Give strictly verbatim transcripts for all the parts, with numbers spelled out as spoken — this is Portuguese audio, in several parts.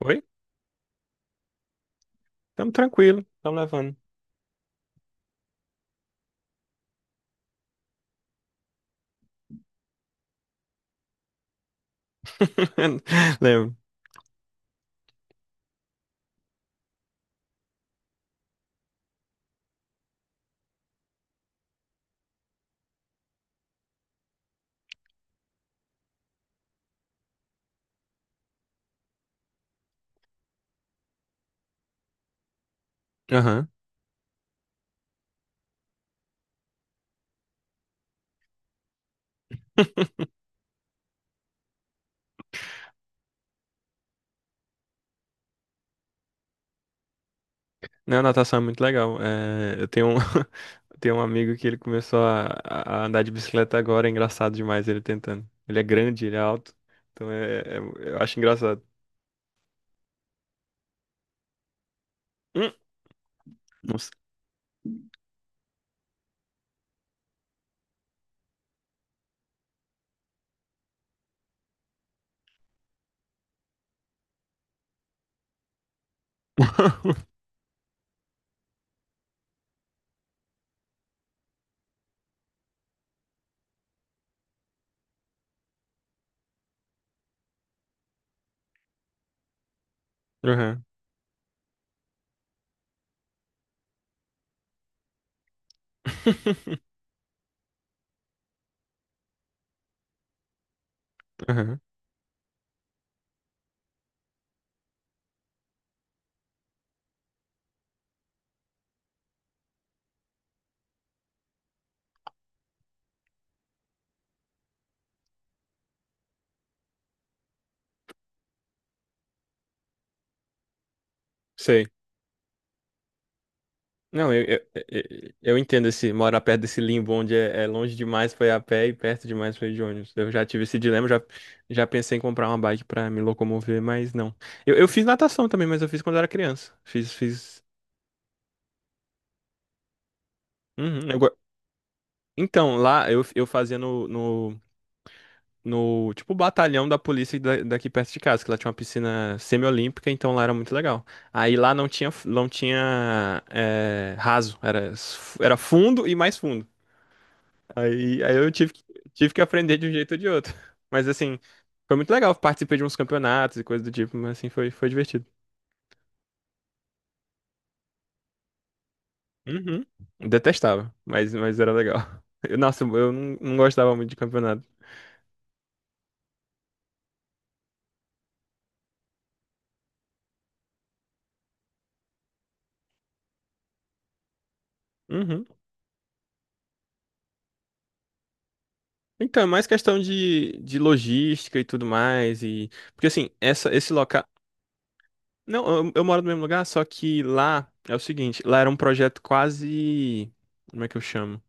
Oi? Tamo tranquilo, tamo levando. Lembro. Aham. Não, natação é muito legal. É, eu tenho um, tenho um amigo que ele começou a, a andar de bicicleta agora, é engraçado demais ele tentando. Ele é grande, ele é alto, então é, é- eu acho engraçado. Hum. Nossa. Aham. Aham. Sei. Não, eu, eu, eu eu entendo esse morar perto desse limbo onde é, é longe demais foi a pé e perto demais foi de ônibus. Eu já tive esse dilema, já, já pensei em comprar uma bike pra me locomover, mas não. Eu, eu fiz natação também, mas eu fiz quando era criança. Fiz, fiz. Uhum. eu go- Então, lá eu, eu fazia no, no, no tipo batalhão da polícia da- daqui perto de casa, que lá tinha uma piscina semiolímpica, então lá era muito legal. Aí lá não tinha, não tinha eh, raso, era, era fundo e mais fundo. Aí, aí eu tive que, tive que aprender de um jeito ou de outro. Mas assim, foi muito legal. Participei de uns campeonatos e coisa do tipo, mas assim, foi, foi divertido. Uhum. Detestava, mas, mas era legal. Eu- nossa, eu não, não gostava muito de campeonato. Uhum. Então, é mais questão de, de logística e tudo mais. E. Porque assim, essa, esse local. Não, eu, eu moro no mesmo lugar, só que lá é o seguinte, lá era um projeto quase. Como é que eu chamo?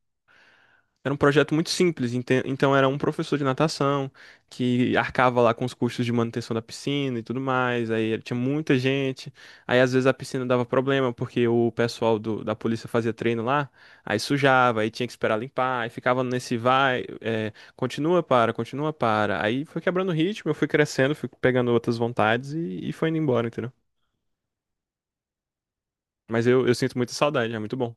Era um projeto muito simples, ente- então era um professor de natação que arcava lá com os custos de manutenção da piscina e tudo mais. Aí ele tinha muita gente. Aí às vezes a piscina dava problema porque o pessoal do- da polícia fazia treino lá, aí sujava, aí tinha que esperar limpar, aí ficava nesse vai, é, continua para, continua para. Aí foi quebrando o ritmo, eu fui crescendo, fui pegando outras vontades e, e foi indo embora, entendeu? Mas eu, eu sinto muita saudade, é muito bom.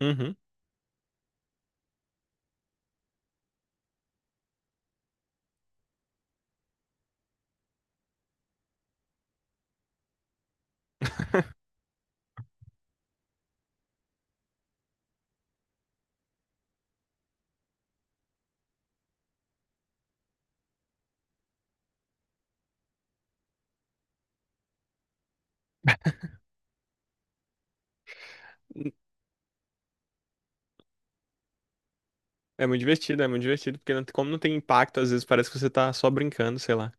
Uhum. É muito divertido, é muito divertido, porque não- como não tem impacto, às vezes parece que você tá só brincando, sei lá.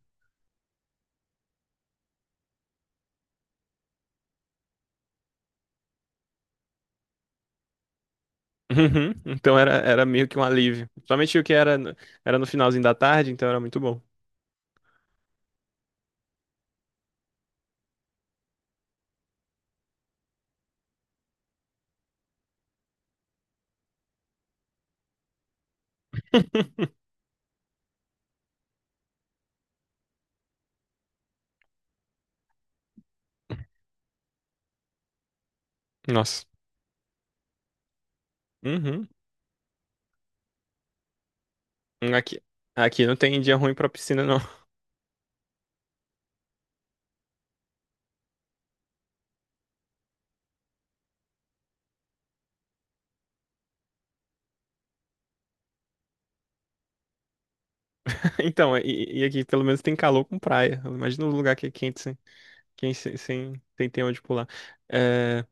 Uhum. Então era, era meio que um alívio. Principalmente o que era, no- era no finalzinho da tarde, então era muito bom. Nossa. Uhum. Aqui, aqui não tem dia ruim pra piscina, não. Então, e, e aqui pelo menos tem calor com praia. Imagina um lugar que é quente sem, quente sem, sem, sem ter onde pular. É,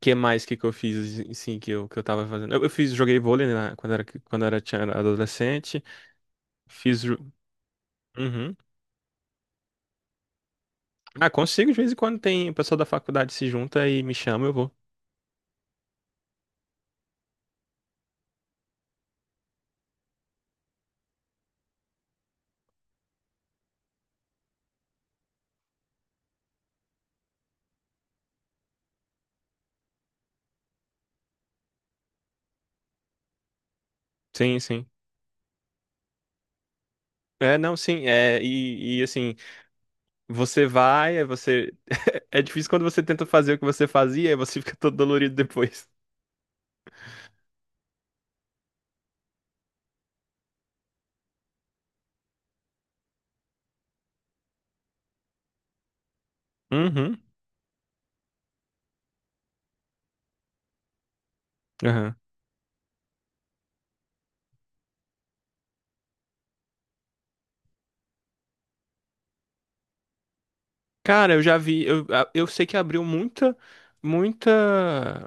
que mais que, que eu fiz, assim que eu, que eu tava fazendo? Eu, eu fiz, joguei vôlei, né, na- quando era, quando era, tinha- era adolescente. Fiz. ju- Uhum. Ah, consigo, de vez em quando tem o pessoal da faculdade se junta e me chama, eu vou. Sim, sim. É, não, sim, é, e, e assim, você vai, aí você. É difícil quando você tenta fazer o que você fazia, aí você fica todo dolorido depois. Uhum, aham. Cara, eu já vi, eu, a- eu sei que abriu muita, muita.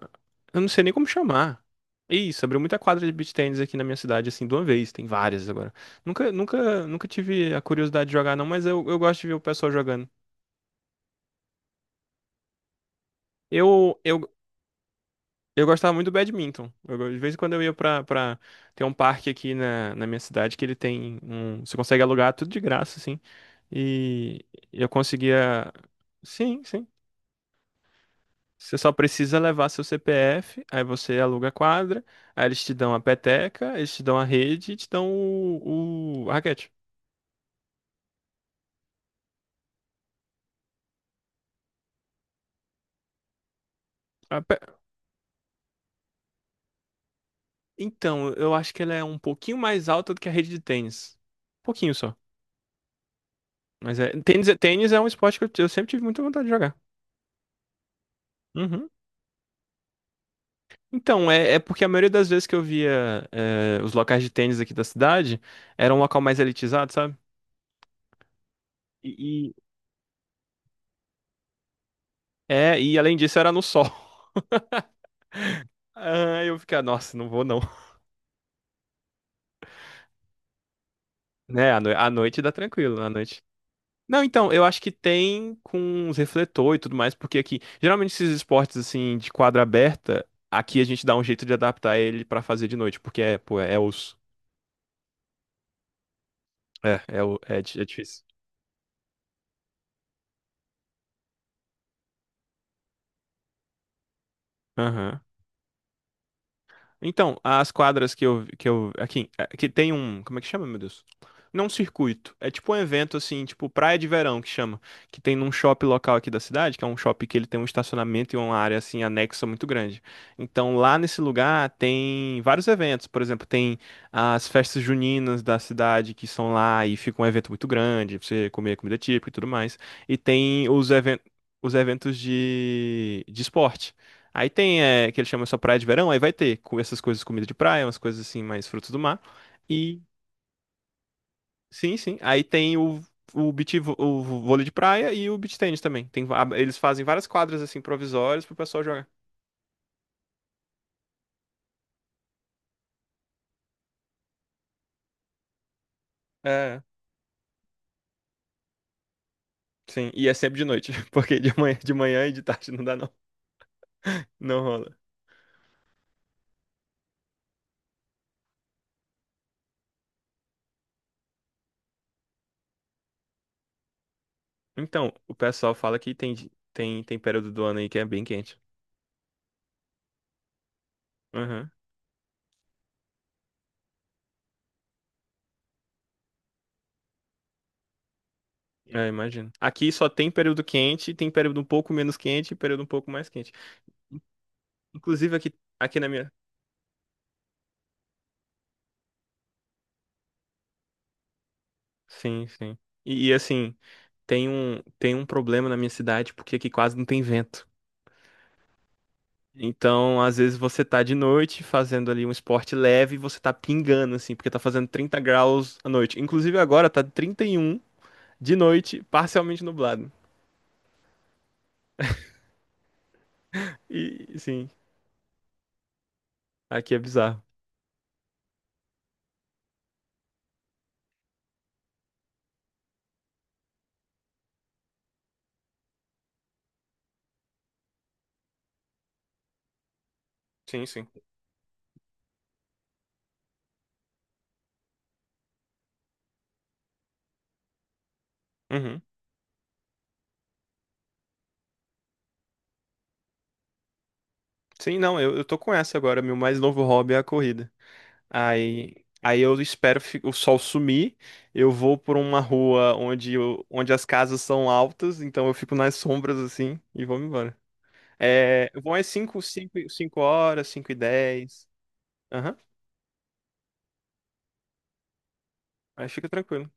Eu não sei nem como chamar. Isso, abriu muita quadra de beach tennis aqui na minha cidade, assim, de uma vez, tem várias agora. Nunca, nunca, nunca tive a curiosidade de jogar, não, mas eu, eu gosto de ver o pessoal jogando. Eu, eu Eu gostava muito do badminton. Eu, go- de vez em quando eu ia pra, pra... Tem um parque aqui na, na minha cidade que ele tem um. Você consegue alugar tudo de graça, assim. E eu conseguia. Sim, sim. Você só precisa levar seu C P F, aí você aluga a quadra, aí eles te dão a peteca, eles te dão a rede e te dão o, o... a raquete. A pe- Então, eu acho que ela é um pouquinho mais alta do que a rede de tênis. Um pouquinho só. Mas é... Tênis, é- tênis é um esporte que eu, eu sempre tive muita vontade de jogar. Uhum. Então, é, é porque a maioria das vezes que eu via, é, os locais de tênis aqui da cidade, era um local mais elitizado, sabe? E, e- É, e além disso era no sol. Ah, eu ficava, nossa, não vou não. Né, à, noi- à noite dá tranquilo, à noite. Não, então, eu acho que tem com os refletor e tudo mais, porque aqui, geralmente esses esportes assim de quadra aberta, aqui a gente dá um jeito de adaptar ele pra fazer de noite, porque é, pô, é osso. É, é, o- é, di- é difícil. Aham. Então, as quadras que eu, que eu, aqui, eh, que tem um, como é que chama, meu Deus? Não um circuito, é tipo um evento assim, tipo praia de verão que chama, que tem num shopping local aqui da cidade, que é um shopping que ele tem um estacionamento e uma área assim anexa muito grande. Então, lá nesse lugar tem vários eventos, por exemplo, tem as festas juninas da cidade que são lá e fica um evento muito grande, pra você comer comida típica e tudo mais. E tem os eventos os eventos de, de esporte. Aí tem, é, que ele chama só praia de verão, aí vai ter com essas coisas, comida de praia, umas coisas assim, mais frutos do mar. E sim, sim. Aí tem o, o beach, vo- o vôlei de praia e o beach tennis também. Tem, va- eles fazem várias quadras assim provisórias pro pessoal jogar. É, sim. E é sempre de noite, porque de manhã, de manhã e de tarde não dá não. Não rola. Então, o pessoal fala que tem, di- tem, tem período do ano aí que é bem quente. Aham. É, imagino. Aqui só tem período quente, tem período um pouco menos quente e período um pouco mais quente. Inclusive aqui, aqui na minha. Sim, sim. E, e, assim, tem um, tem um problema na minha cidade, porque aqui quase não tem vento. Então, às vezes você tá de noite fazendo ali um esporte leve e você tá pingando, assim, porque tá fazendo trinta graus à noite. Inclusive agora tá trinta e um de noite, parcialmente nublado. E sim, aqui é bizarro. Sim, sim. Uhum. Sim, não, eu, eu tô com essa agora. Meu mais novo hobby é a corrida. Aí, aí eu espero fi- o sol sumir. Eu vou por uma rua onde, o- onde as casas são altas, então eu fico nas sombras assim e vou embora. É, o bom é cinco 5, 5 horas, cinco e dez. Aham, aí fica tranquilo.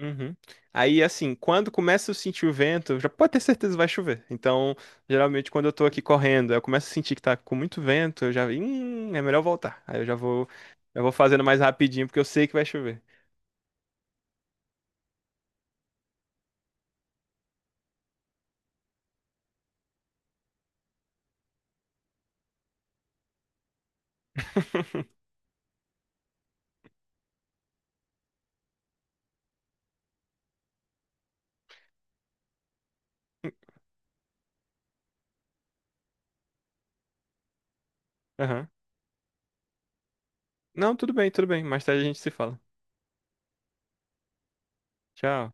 Uhum. Aí, assim, quando começa a sentir o vento, já pode ter certeza que vai chover. Então, geralmente, quando eu tô aqui correndo, eu começo a sentir que tá com muito vento, eu já, hum, é melhor voltar. Aí eu já vou, eu vou fazendo mais rapidinho, porque eu sei que vai chover. Não, tudo bem, tudo bem. Mais tarde a gente se fala. Tchau.